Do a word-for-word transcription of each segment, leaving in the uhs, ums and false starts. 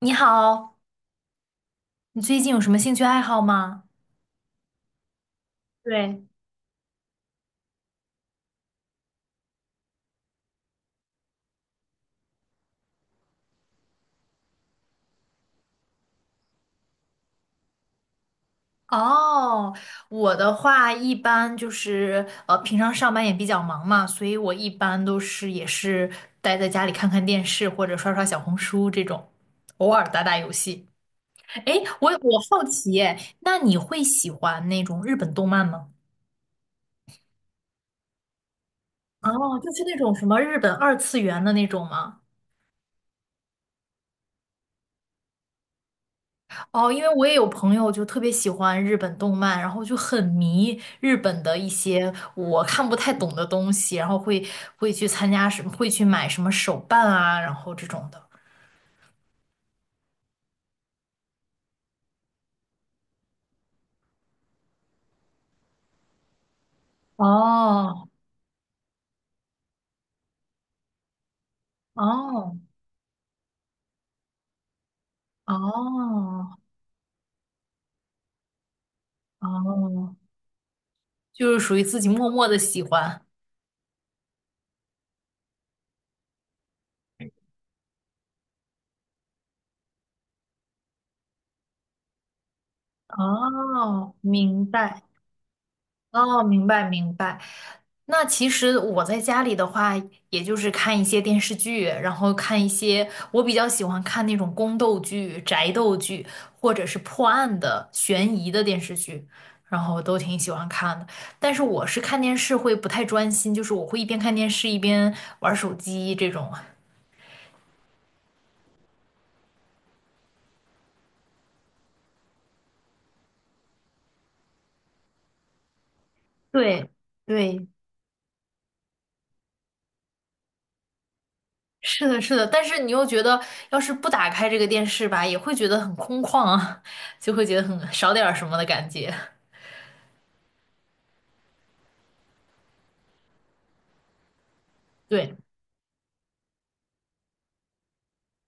你好，你最近有什么兴趣爱好吗？对，哦，我的话一般就是呃，平常上班也比较忙嘛，所以我一般都是也是待在家里看看电视或者刷刷小红书这种，偶尔打打游戏。哎，我我好奇耶，那你会喜欢那种日本动漫吗？哦，就是那种什么日本二次元的那种吗？哦，因为我也有朋友就特别喜欢日本动漫，然后就很迷日本的一些我看不太懂的东西，然后会会去参加什么，会去买什么手办啊，然后这种的。哦哦哦哦，就是属于自己默默的喜欢。哦，明白。哦，明白明白。那其实我在家里的话，也就是看一些电视剧，然后看一些我比较喜欢看那种宫斗剧、宅斗剧，或者是破案的、悬疑的电视剧，然后都挺喜欢看的。但是我是看电视会不太专心，就是我会一边看电视一边玩手机这种。对对，是的，是的。但是你又觉得，要是不打开这个电视吧，也会觉得很空旷啊，就会觉得很少点儿什么的感觉。对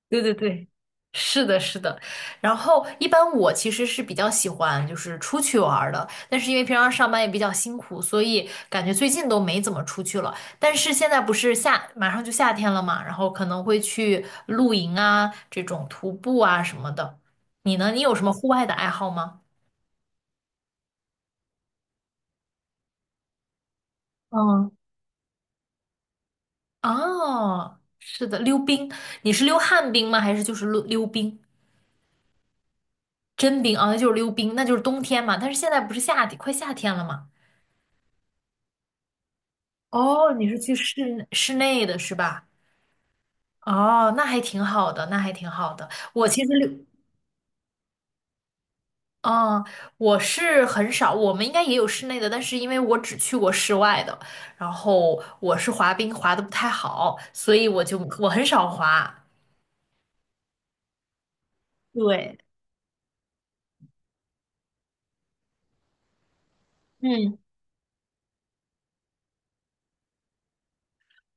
对对对，是的，是的。然后一般我其实是比较喜欢就是出去玩儿的，但是因为平常上班也比较辛苦，所以感觉最近都没怎么出去了。但是现在不是夏，马上就夏天了嘛，然后可能会去露营啊，这种徒步啊什么的。你呢？你有什么户外的爱好吗？嗯，哦，是的，溜冰。你是溜旱冰吗？还是就是溜溜冰？真冰啊，那就是溜冰，那就是冬天嘛。但是现在不是夏天，快夏天了嘛。哦，你是去室室内的是吧？哦，那还挺好的，那还挺好的。我其实溜，嗯，我是很少，我们应该也有室内的，但是因为我只去过室外的，然后我是滑冰滑的不太好，所以我就我很少滑。对，嗯，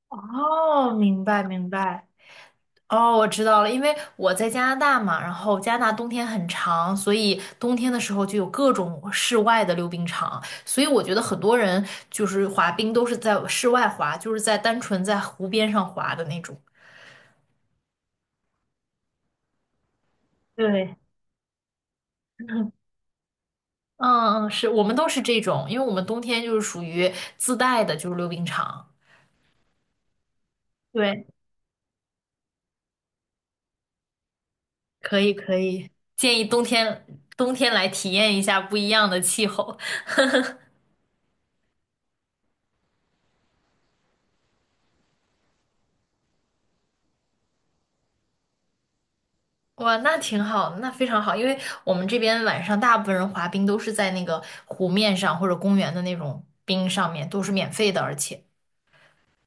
哦，明白明白。哦，我知道了，因为我在加拿大嘛，然后加拿大冬天很长，所以冬天的时候就有各种室外的溜冰场，所以我觉得很多人就是滑冰都是在室外滑，就是在单纯在湖边上滑的那种。对，嗯嗯，是我们都是这种，因为我们冬天就是属于自带的，就是溜冰场。对，可以可以，建议冬天冬天来体验一下不一样的气候。哇，那挺好那非常好，因为我们这边晚上大部分人滑冰都是在那个湖面上或者公园的那种冰上面，都是免费的，而且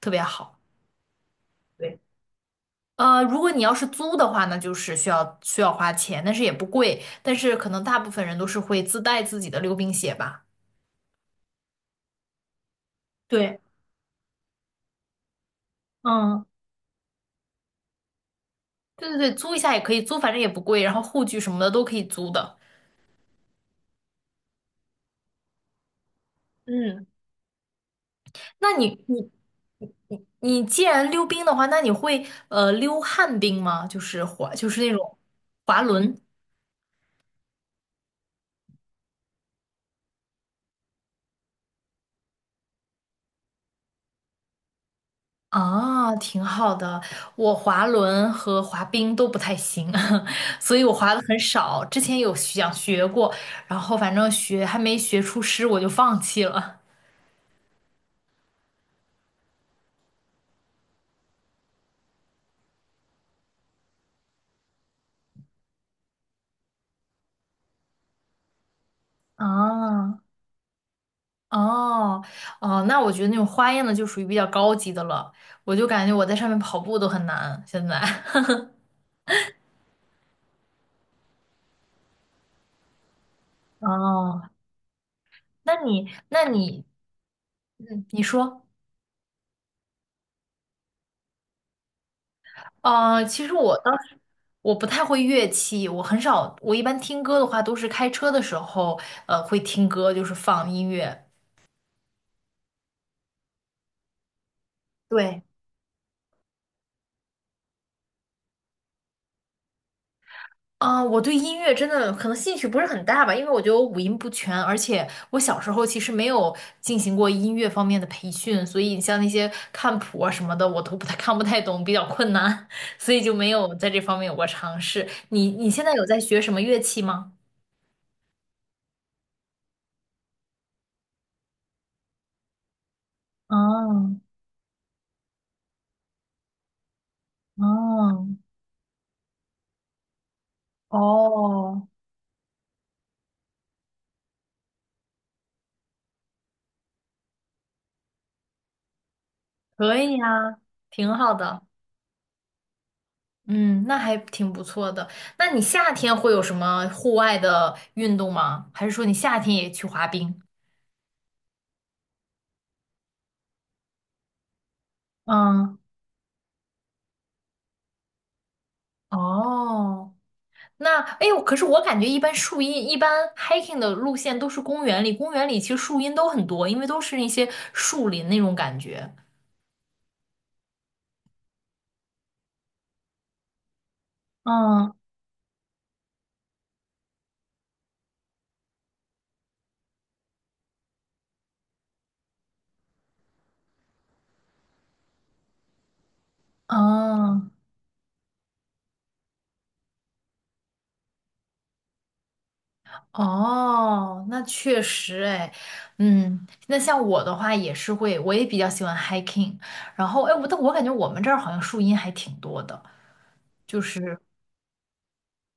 特别好。对，呃，如果你要是租的话，那就是需要需要花钱，但是也不贵，但是可能大部分人都是会自带自己的溜冰鞋吧。对，嗯对对对，租一下也可以租，反正也不贵，然后护具什么的都可以租的。嗯。那你你你你既然溜冰的话，那你会呃溜旱冰吗？就是滑，就是那种滑轮啊，挺好的。我滑轮和滑冰都不太行，所以我滑的很少。之前有想学过，然后反正学还没学出师，我就放弃了。啊，哦哦，那我觉得那种花样的就属于比较高级的了，我就感觉我在上面跑步都很难，现在。哦，那你，那你，嗯，你说，啊，其实我当时我不太会乐器，我很少，我一般听歌的话都是开车的时候，呃，会听歌，就是放音乐。对，啊、我对音乐真的可能兴趣不是很大吧，因为我觉得我五音不全，而且我小时候其实没有进行过音乐方面的培训，所以像那些看谱啊什么的，我都不太 看不太懂，比较困难，所以就没有在这方面有过尝试。你你现在有在学什么乐器吗？啊。哦哦，可以呀，挺好的。嗯，那还挺不错的。那你夏天会有什么户外的运动吗？还是说你夏天也去滑冰？嗯，哦，那哎呦，可是我感觉一般树荫，一般 hiking 的路线都是公园里，公园里其实树荫都很多，因为都是一些树林那种感觉。嗯，嗯，哦，那确实哎，嗯，那像我的话也是会，我也比较喜欢 hiking，然后哎，我但我感觉我们这儿好像树荫还挺多的，就是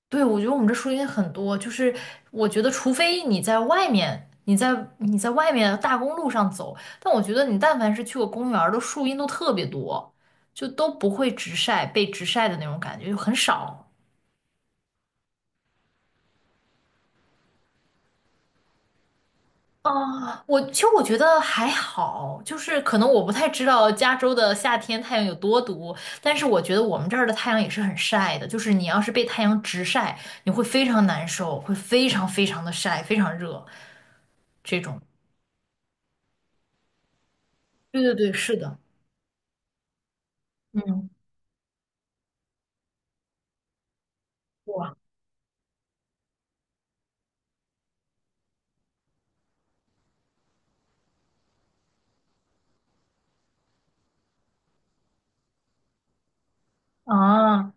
对，我觉得我们这树荫很多，就是我觉得除非你在外面，你在你在外面大公路上走，但我觉得你但凡是去过公园儿的树荫都特别多，就都不会直晒，被直晒的那种感觉就很少。啊，我其实我觉得还好，就是可能我不太知道加州的夏天太阳有多毒，但是我觉得我们这儿的太阳也是很晒的，就是你要是被太阳直晒，你会非常难受，会非常非常的晒，非常热这种。对对对，是的，嗯，哇，啊，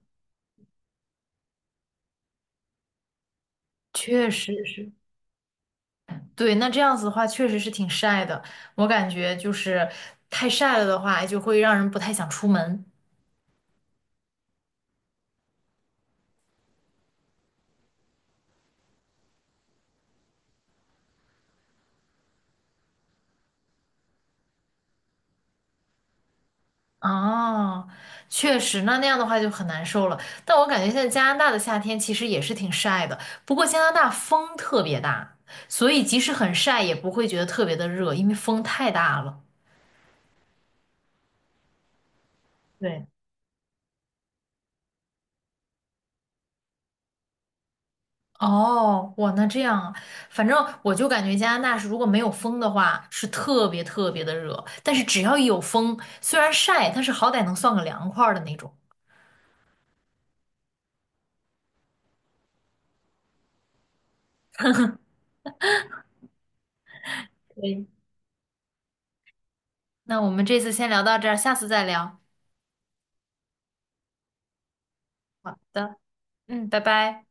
确实是，对，那这样子的话确实是挺晒的，我感觉就是太晒了的话，就会让人不太想出门。哦，确实，那那样的话就很难受了。但我感觉现在加拿大的夏天其实也是挺晒的，不过加拿大风特别大，所以即使很晒也不会觉得特别的热，因为风太大了。对，哦，哇，那这样啊，反正我就感觉加拿大是如果没有风的话，是特别特别的热，但是只要一有风，虽然晒，但是好歹能算个凉快儿的那种。对，那我们这次先聊到这儿，下次再聊。好的。嗯，拜拜。